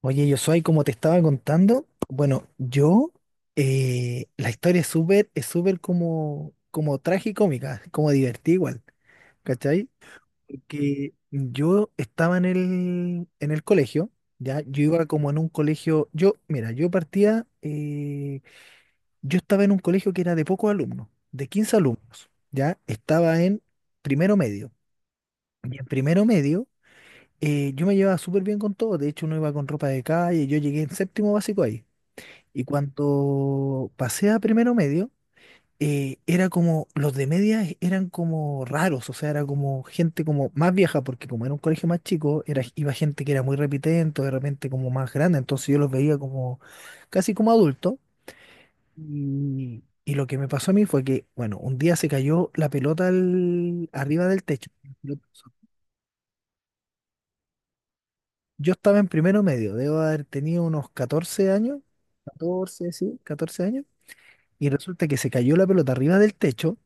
Oye, yo soy, como te estaba contando, bueno, yo, la historia es súper como, como tragicómica, como divertida igual, ¿cachai? Porque yo estaba en el colegio, ya, yo iba como en un colegio, yo, mira, yo partía, yo estaba en un colegio que era de pocos alumnos, de 15 alumnos, ya, estaba en primero medio, y en primero medio, yo me llevaba súper bien con todo, de hecho uno iba con ropa de calle, yo llegué en séptimo básico ahí. Y cuando pasé a primero medio, era como, los de media e, eran como raros, o sea, era como gente como más vieja, porque como era un colegio más chico, era, iba gente que era muy repitente, de repente como más grande, entonces yo los veía como casi como adultos. Y lo que me pasó a mí fue que, bueno, un día se cayó la pelota arriba del techo. Yo estaba en primero medio, debo haber tenido unos 14 años, 14 sí, 14 años, y resulta que se cayó la pelota arriba del techo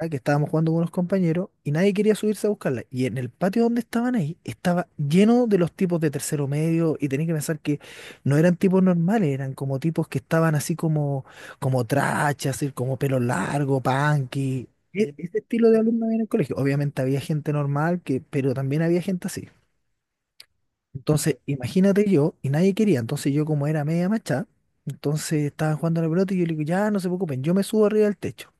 ah, que estábamos jugando con unos compañeros y nadie quería subirse a buscarla. Y en el patio donde estaban ahí estaba lleno de los tipos de tercero medio y tenés que pensar que no eran tipos normales, eran como tipos que estaban así como, como trachas, así como pelo largo, punky. Ese estilo de alumno había en el colegio. Obviamente había gente normal, que, pero también había gente así. Entonces, imagínate yo, y nadie quería. Entonces yo como era media macha, entonces estaban jugando a la pelota y yo le digo, ya, no se preocupen, yo me subo arriba del techo.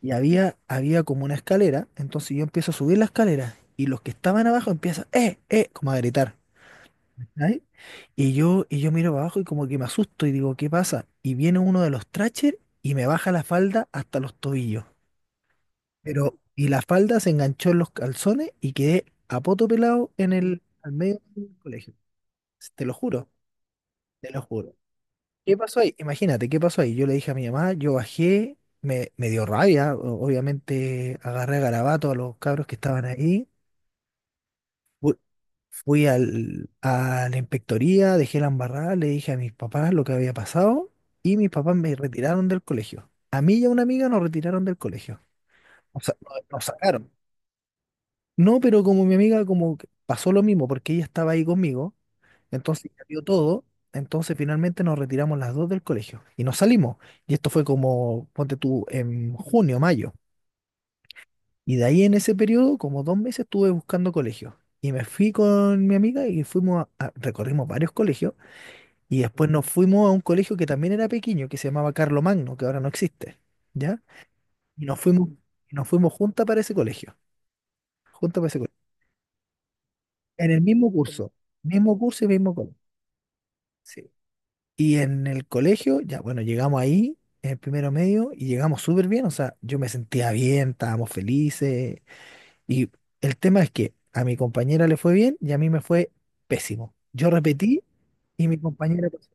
Y había como una escalera, entonces yo empiezo a subir la escalera y los que estaban abajo empiezan, como a gritar. ¿Cachai? Y yo miro para abajo y como que me asusto y digo, ¿qué pasa? Y viene uno de los Thrasher y me baja la falda hasta los tobillos. Pero, y la falda se enganchó en los calzones y quedé a poto pelado en el, al medio del colegio. Te lo juro, te lo juro. ¿Qué pasó ahí? Imagínate, ¿qué pasó ahí? Yo le dije a mi mamá, yo bajé, me dio rabia, obviamente agarré a garabato a los cabros que estaban ahí, fu- fui al, a la inspectoría, dejé la embarrada, le dije a mis papás lo que había pasado y mis papás me retiraron del colegio. A mí y a una amiga nos retiraron del colegio, o sea, nos sacaron. No, pero como mi amiga como que pasó lo mismo porque ella estaba ahí conmigo. Entonces ya vio todo. Entonces finalmente nos retiramos las dos del colegio y nos salimos. Y esto fue como, ponte tú, en junio, mayo. Y de ahí en ese periodo, como 2 meses, estuve buscando colegios. Y me fui con mi amiga y fuimos a, recorrimos varios colegios. Y después nos fuimos a un colegio que también era pequeño, que se llamaba Carlomagno, que ahora no existe. ¿Ya? Y nos fuimos, y nos fuimos juntas para ese colegio. Juntas para ese colegio. En el mismo curso. Mismo curso y mismo colegio. Sí. Y en el colegio, ya bueno, llegamos ahí, en el primero medio, y llegamos súper bien, o sea, yo me sentía bien, estábamos felices. Y el tema es que a mi compañera le fue bien y a mí me fue pésimo. Yo repetí y mi compañera pasó.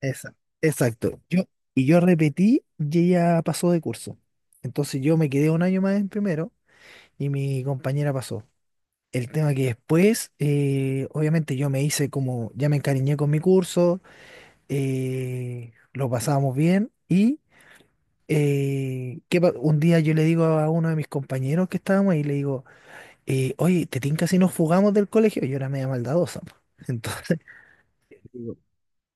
Esa, exacto. Yo, y yo repetí y ella pasó de curso. Entonces yo me quedé un año más en primero y mi compañera pasó. El tema que después, obviamente yo me hice como, ya me encariñé con mi curso, lo pasábamos bien y ¿qué un día yo le digo a uno de mis compañeros que estábamos ahí, le digo, oye, ¿te tinca si nos fugamos del colegio? Yo era media maldadosa. Po. Entonces, digo,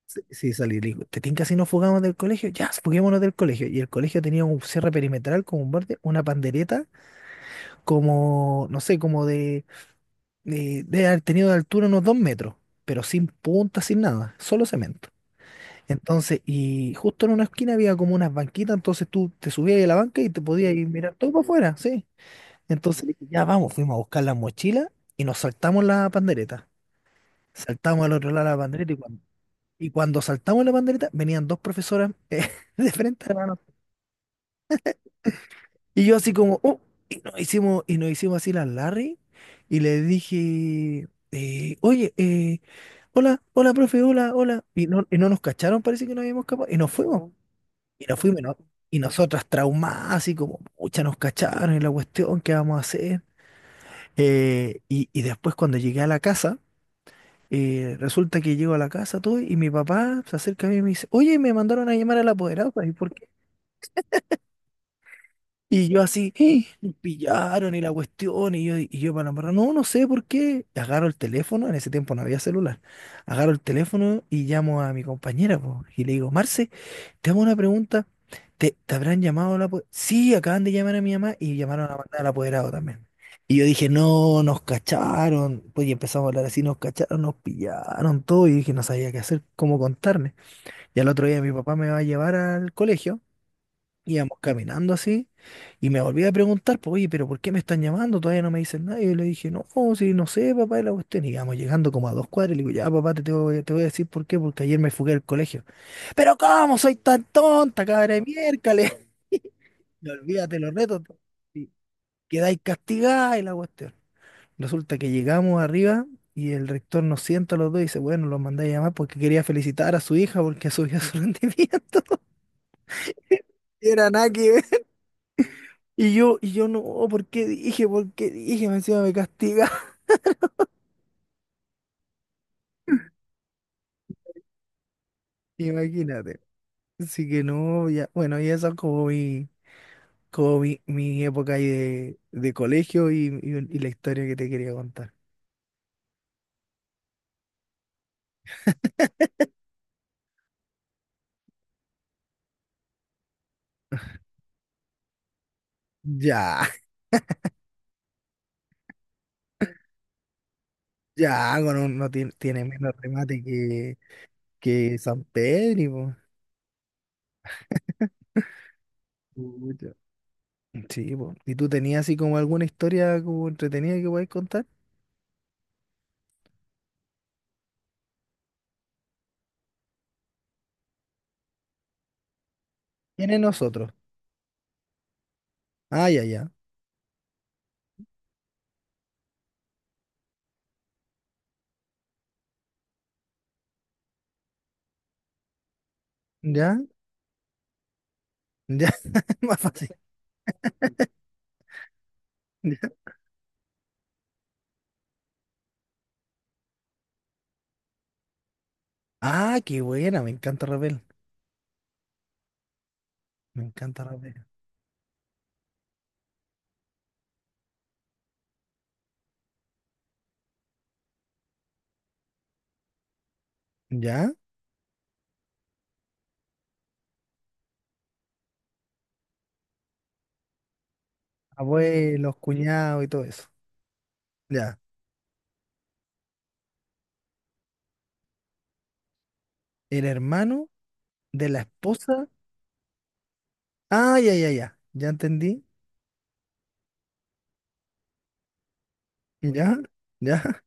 sí, sí, salí, le digo, ¿te tinca si nos fugamos del colegio? Ya, fuguémonos del colegio. Y el colegio tenía un cierre perimetral como un borde, una pandereta, como, no sé, como de, de haber tenido de altura unos 2 metros, pero sin punta, sin nada, solo cemento. Entonces, y justo en una esquina había como unas banquitas, entonces tú te subías ahí a la banca y te podías ir mirar todo para afuera, sí. Entonces le dije, ya vamos, fuimos a buscar las mochilas y nos saltamos la pandereta. Saltamos al otro lado de la pandereta y cuando saltamos la pandereta venían dos profesoras de frente, hermano. Y yo así como, oh, y nos hicimos así las Larry y le dije, oye, hola, hola, profe, hola, hola. Y no nos cacharon, parece que no habíamos escapado y nos fuimos. Y nos fuimos y, no- y nosotras traumadas, y como, pucha, nos cacharon y la cuestión, ¿qué vamos a hacer? Y después cuando llegué a la casa, resulta que llego a la casa todo y mi papá se acerca a mí y me dice, oye, me mandaron a llamar al apoderado, pues, ¿y por qué? Y yo así, ¡eh! Nos pillaron y la cuestión, y yo para la embarrar, no, no sé por qué. Y agarro el teléfono, en ese tiempo no había celular. Agarro el teléfono y llamo a mi compañera, po, y le digo, Marce, te hago una pregunta. ¿Te, te habrán llamado a la po-?" Sí, acaban de llamar a mi mamá y llamaron a mandar al apoderado también. Y yo dije, no, nos cacharon. Pues y empezamos a hablar así, nos cacharon, nos pillaron todo. Y dije, no sabía qué hacer, cómo contarme. Y al otro día mi papá me va a llevar al colegio. Íbamos caminando así y me volví a preguntar, pues, oye, pero ¿por qué me están llamando? Todavía no me dicen nada. Y yo le dije, no, pues, si no sé, papá, y la cuestión. Y íbamos llegando como a dos cuadras y le digo, ya, papá, te voy a decir por qué, porque ayer me fugué del colegio. Pero ¿cómo soy tan tonta, cabra de miércoles? Y olvídate los retos. Y quedáis castigados y la cuestión. Resulta que llegamos arriba y el rector nos sienta a los dos y dice, bueno, los mandé a llamar porque quería felicitar a su hija porque subió su rendimiento. Y era nada que ver. Y yo no, ¿por qué dije? ¿Por qué dije? Me encima me castiga. Imagínate. Así que no, ya, bueno, y eso es como mi época ahí de colegio y, y la historia que te quería contar. Ya, ya, no tiene, tiene menos remate que San Pedro, po. Pucha. Sí, po. ¿Y tú tenías así como alguna historia como entretenida que podáis contar? Tiene nosotros. Ah, ya, ya. Ya, ya, más fácil. Ya. Ah, qué buena, me encanta Rapel. Me encanta la pega. ¿Ya? Abuelos, cuñados y todo eso. Ya. El hermano de la esposa. Ah, ya, ya, ya. Ya entendí. ¿Ya? ¿Ya?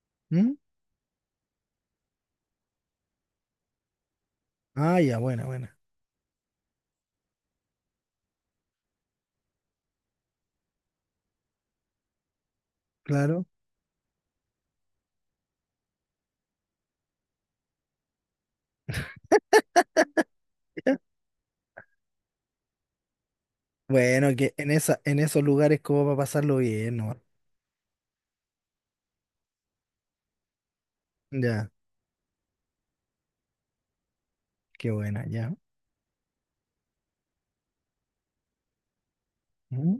¿Mm? Ah, ya, buena, buena. Claro. Ya. Bueno, que en esa, en esos lugares como para pasarlo bien, ¿no? Ya, qué buena, ya. ¿Mm?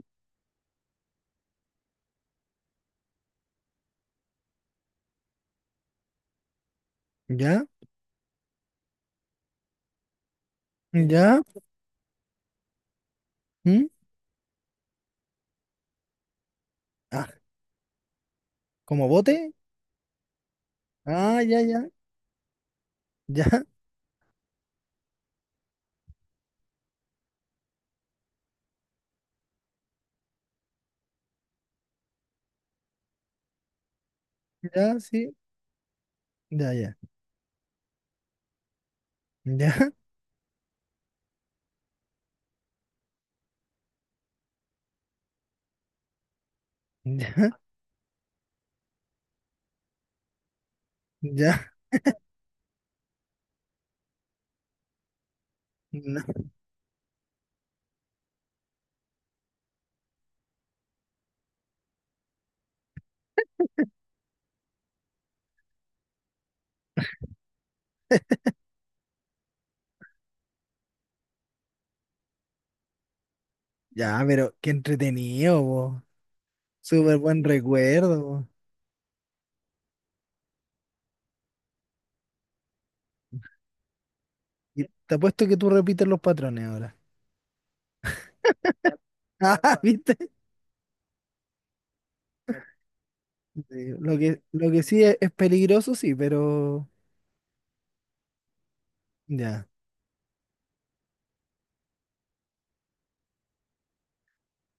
¿Ya? ¿Ya? ¿Mm? Ah, ¿como bote? Ah, ya, ya. Ya, ya, sí. Ya, ya. Ya, ya, ya. No. Ya, pero qué entretenido, vos. Súper buen recuerdo. Y te apuesto que tú repites los patrones ahora. Ah, ¿viste? Sí, lo que, lo que sí es peligroso, sí, pero ya,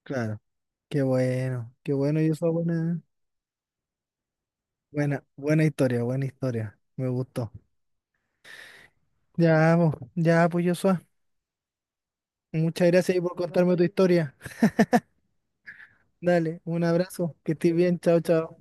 claro. Qué bueno y eso buena, buena, buena historia, buena historia. Me gustó. Ya, po, ya, pues Joshua. Muchas gracias ahí por contarme tu historia. Dale, un abrazo, que estés bien, chao, chao.